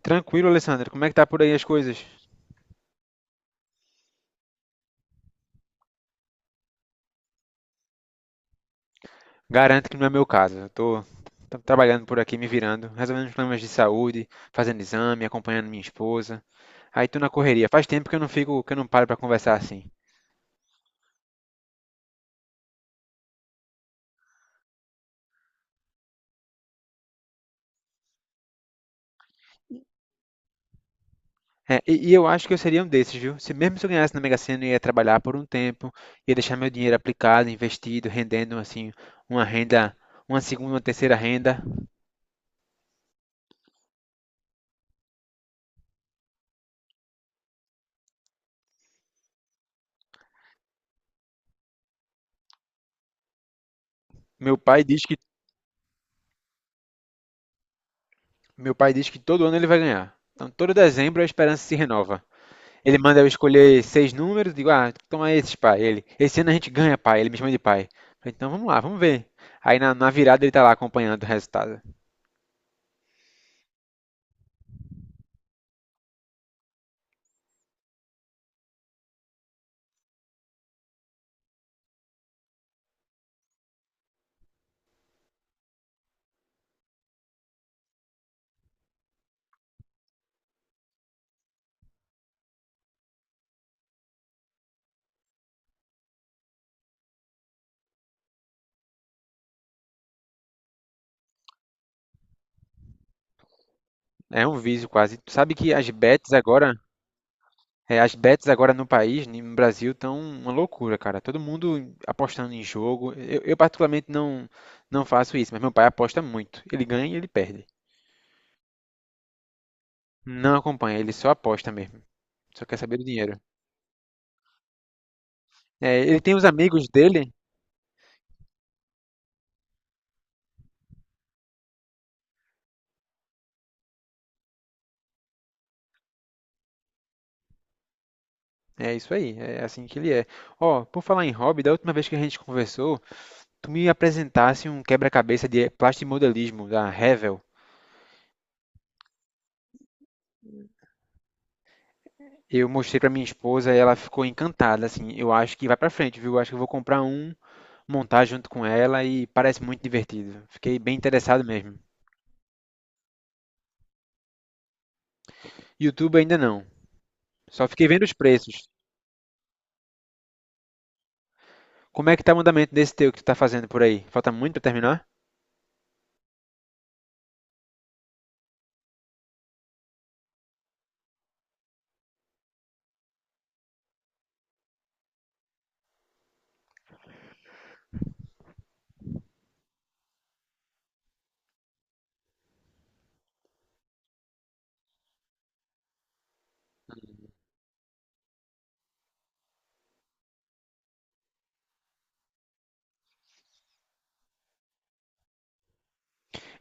Tranquilo, Alessandro. Como é que tá por aí as coisas? Garanto que não é meu caso. Eu tô trabalhando por aqui, me virando, resolvendo os problemas de saúde, fazendo exame, acompanhando minha esposa. Aí tô na correria. Faz tempo que eu não fico, que eu não paro pra conversar assim. É, e eu acho que eu seria um desses, viu? Se mesmo se eu ganhasse na Mega Sena, eu ia trabalhar por um tempo, ia deixar meu dinheiro aplicado, investido, rendendo assim uma renda, uma segunda, uma terceira renda. Meu pai diz que meu pai diz que todo ano ele vai ganhar. Então, todo dezembro a esperança se renova. Ele manda eu escolher seis números, digo, ah, toma esses, pai. Ele, esse ano a gente ganha, pai. Ele me chama de pai. Falei, então vamos lá, vamos ver. Aí na virada ele tá lá acompanhando o resultado. É um vício quase. Tu sabe que as bets agora no país, no Brasil, estão uma loucura, cara. Todo mundo apostando em jogo. Eu particularmente não faço isso, mas meu pai aposta muito. Ele ganha e ele perde. Não acompanha, ele só aposta mesmo. Só quer saber do dinheiro. É, ele tem os amigos dele. É isso aí, é assim que ele é. Ó, por falar em hobby, da última vez que a gente conversou, tu me apresentasse um quebra-cabeça de plastimodelismo da Revell. Eu mostrei pra minha esposa e ela ficou encantada, assim. Eu acho que vai pra frente, viu? Eu acho que eu vou comprar um, montar junto com ela e parece muito divertido. Fiquei bem interessado mesmo. YouTube ainda não. Só fiquei vendo os preços. Como é que tá o andamento desse teu que tu tá fazendo por aí? Falta muito pra terminar?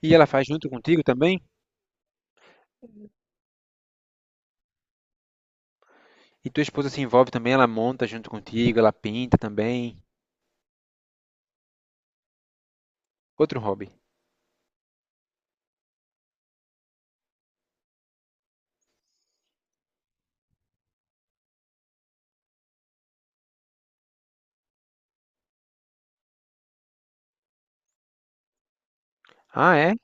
E ela faz junto contigo também? E tua esposa se envolve também, ela monta junto contigo, ela pinta também. Outro hobby. Ah, é?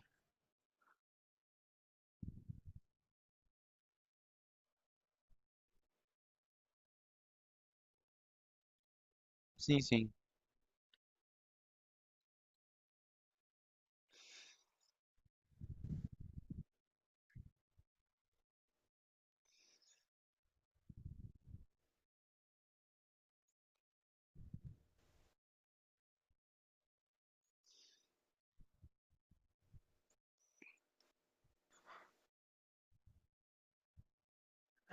Sim, sim.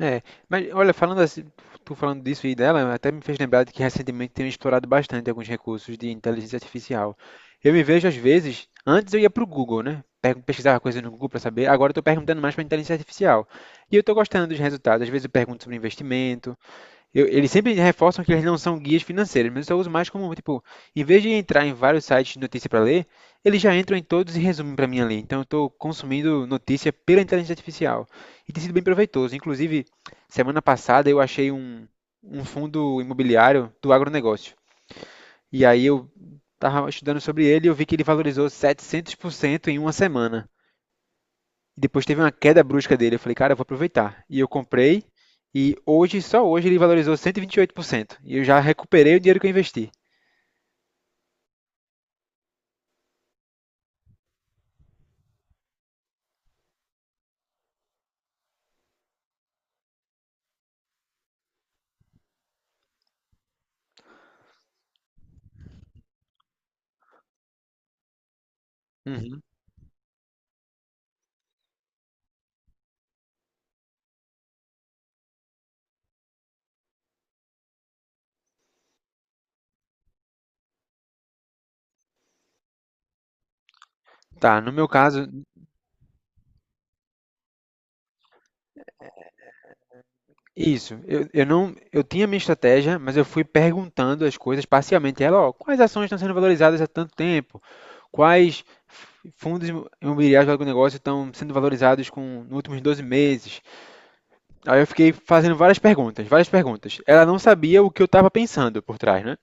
É. Mas olha, falando assim, tu falando disso e dela, até me fez lembrar de que recentemente tenho explorado bastante alguns recursos de inteligência artificial. Eu me vejo às vezes, antes eu ia pro Google, né? Pesquisava coisas no Google para saber. Agora eu tô perguntando mais para inteligência artificial. E eu tô gostando dos resultados. Às vezes eu pergunto sobre investimento. Eles sempre reforçam que eles não são guias financeiros, mas eu só uso mais como, tipo, em vez de entrar em vários sites de notícia para ler, eles já entram em todos e resumem para mim ali. Então eu estou consumindo notícia pela inteligência artificial. E tem sido bem proveitoso. Inclusive, semana passada eu achei um fundo imobiliário do agronegócio. E aí eu estava estudando sobre ele e eu vi que ele valorizou 700% em uma semana. E depois teve uma queda brusca dele. Eu falei, cara, eu vou aproveitar. E eu comprei. E hoje, só hoje, ele valorizou 128%. E 28%. E eu já recuperei o dinheiro que eu investi. Uhum. Tá, no meu caso, isso. Eu não, eu tinha minha estratégia, mas eu fui perguntando as coisas parcialmente. Ela, ó, quais ações estão sendo valorizadas há tanto tempo? Quais fundos imobiliários do agronegócio estão sendo valorizados com, nos últimos 12 meses? Aí eu fiquei fazendo várias perguntas, várias perguntas. Ela não sabia o que eu estava pensando por trás, né?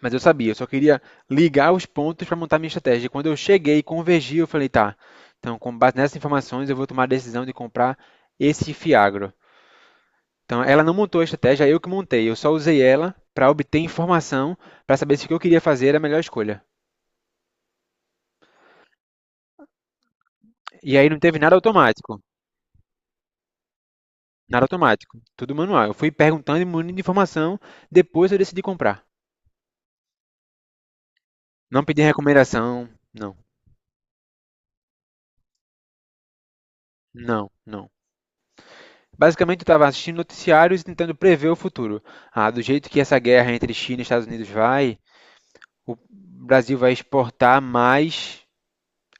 Mas eu sabia, eu só queria ligar os pontos para montar minha estratégia. E quando eu cheguei e convergi, eu falei, tá, então com base nessas informações eu vou tomar a decisão de comprar esse Fiagro. Então ela não montou a estratégia, eu que montei. Eu só usei ela para obter informação para saber se o que eu queria fazer era a melhor escolha. E aí não teve nada automático, nada automático, tudo manual. Eu fui perguntando e munindo de informação, depois eu decidi comprar. Não pedi recomendação, não, não, não. Basicamente, eu estava assistindo noticiários e tentando prever o futuro. Ah, do jeito que essa guerra entre China e Estados Unidos vai, o Brasil vai exportar mais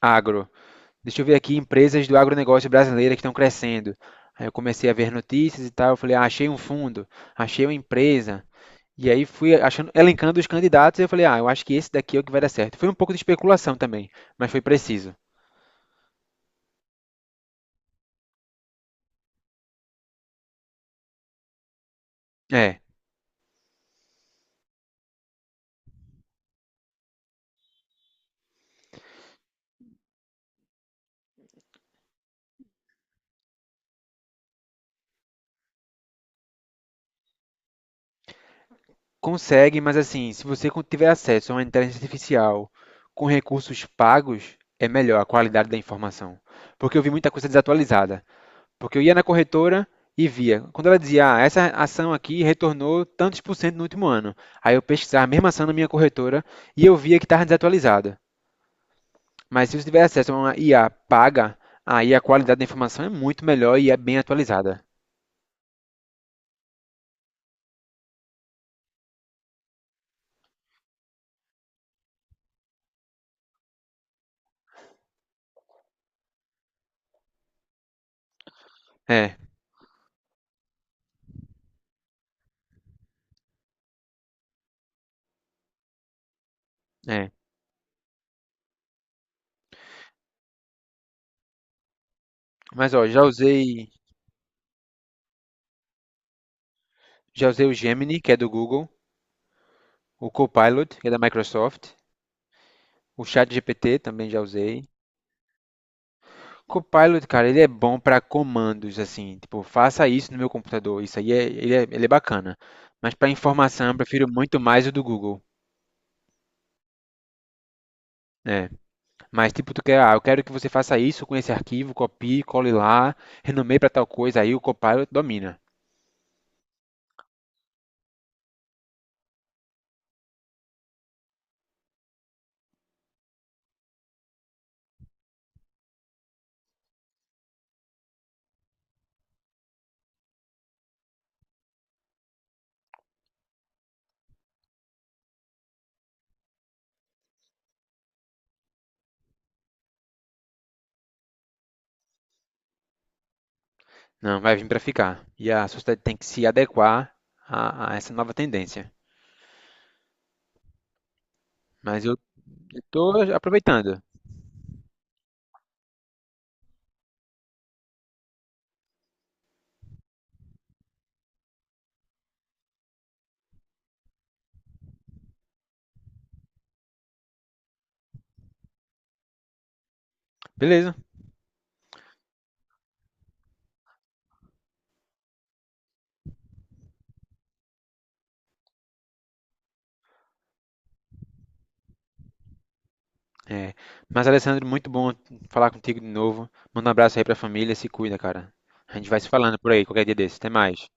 agro. Deixa eu ver aqui empresas do agronegócio brasileira que estão crescendo. Aí eu comecei a ver notícias e tal. Eu falei, ah, achei um fundo, achei uma empresa. E aí fui achando, elencando os candidatos e eu falei, ah, eu acho que esse daqui é o que vai dar certo. Foi um pouco de especulação também, mas foi preciso. É. Consegue, mas assim, se você tiver acesso a uma inteligência artificial com recursos pagos, é melhor a qualidade da informação. Porque eu vi muita coisa desatualizada. Porque eu ia na corretora e via. Quando ela dizia, ah, essa ação aqui retornou tantos por cento no último ano. Aí eu pesquisava a mesma ação na minha corretora e eu via que estava desatualizada. Mas se você tiver acesso a uma IA paga, aí a qualidade da informação é muito melhor e é bem atualizada. É, é. Mas ó, já usei o Gemini, que é do Google, o Copilot, que é da Microsoft, o ChatGPT também já usei. Copilot, cara, ele é bom para comandos, assim, tipo, faça isso no meu computador. Isso aí é, ele é, ele é bacana. Mas para informação, eu prefiro muito mais o do Google. Né? Mas tipo, tu quer, ah, eu quero que você faça isso com esse arquivo, copie, cole lá, renomeie para tal coisa, aí o Copilot domina. Não, vai vir para ficar. E a sociedade tem que se adequar a essa nova tendência. Mas eu estou aproveitando. Beleza. É. Mas, Alessandro, muito bom falar contigo de novo. Manda um abraço aí pra família, se cuida, cara. A gente vai se falando por aí, qualquer dia desse. Até mais.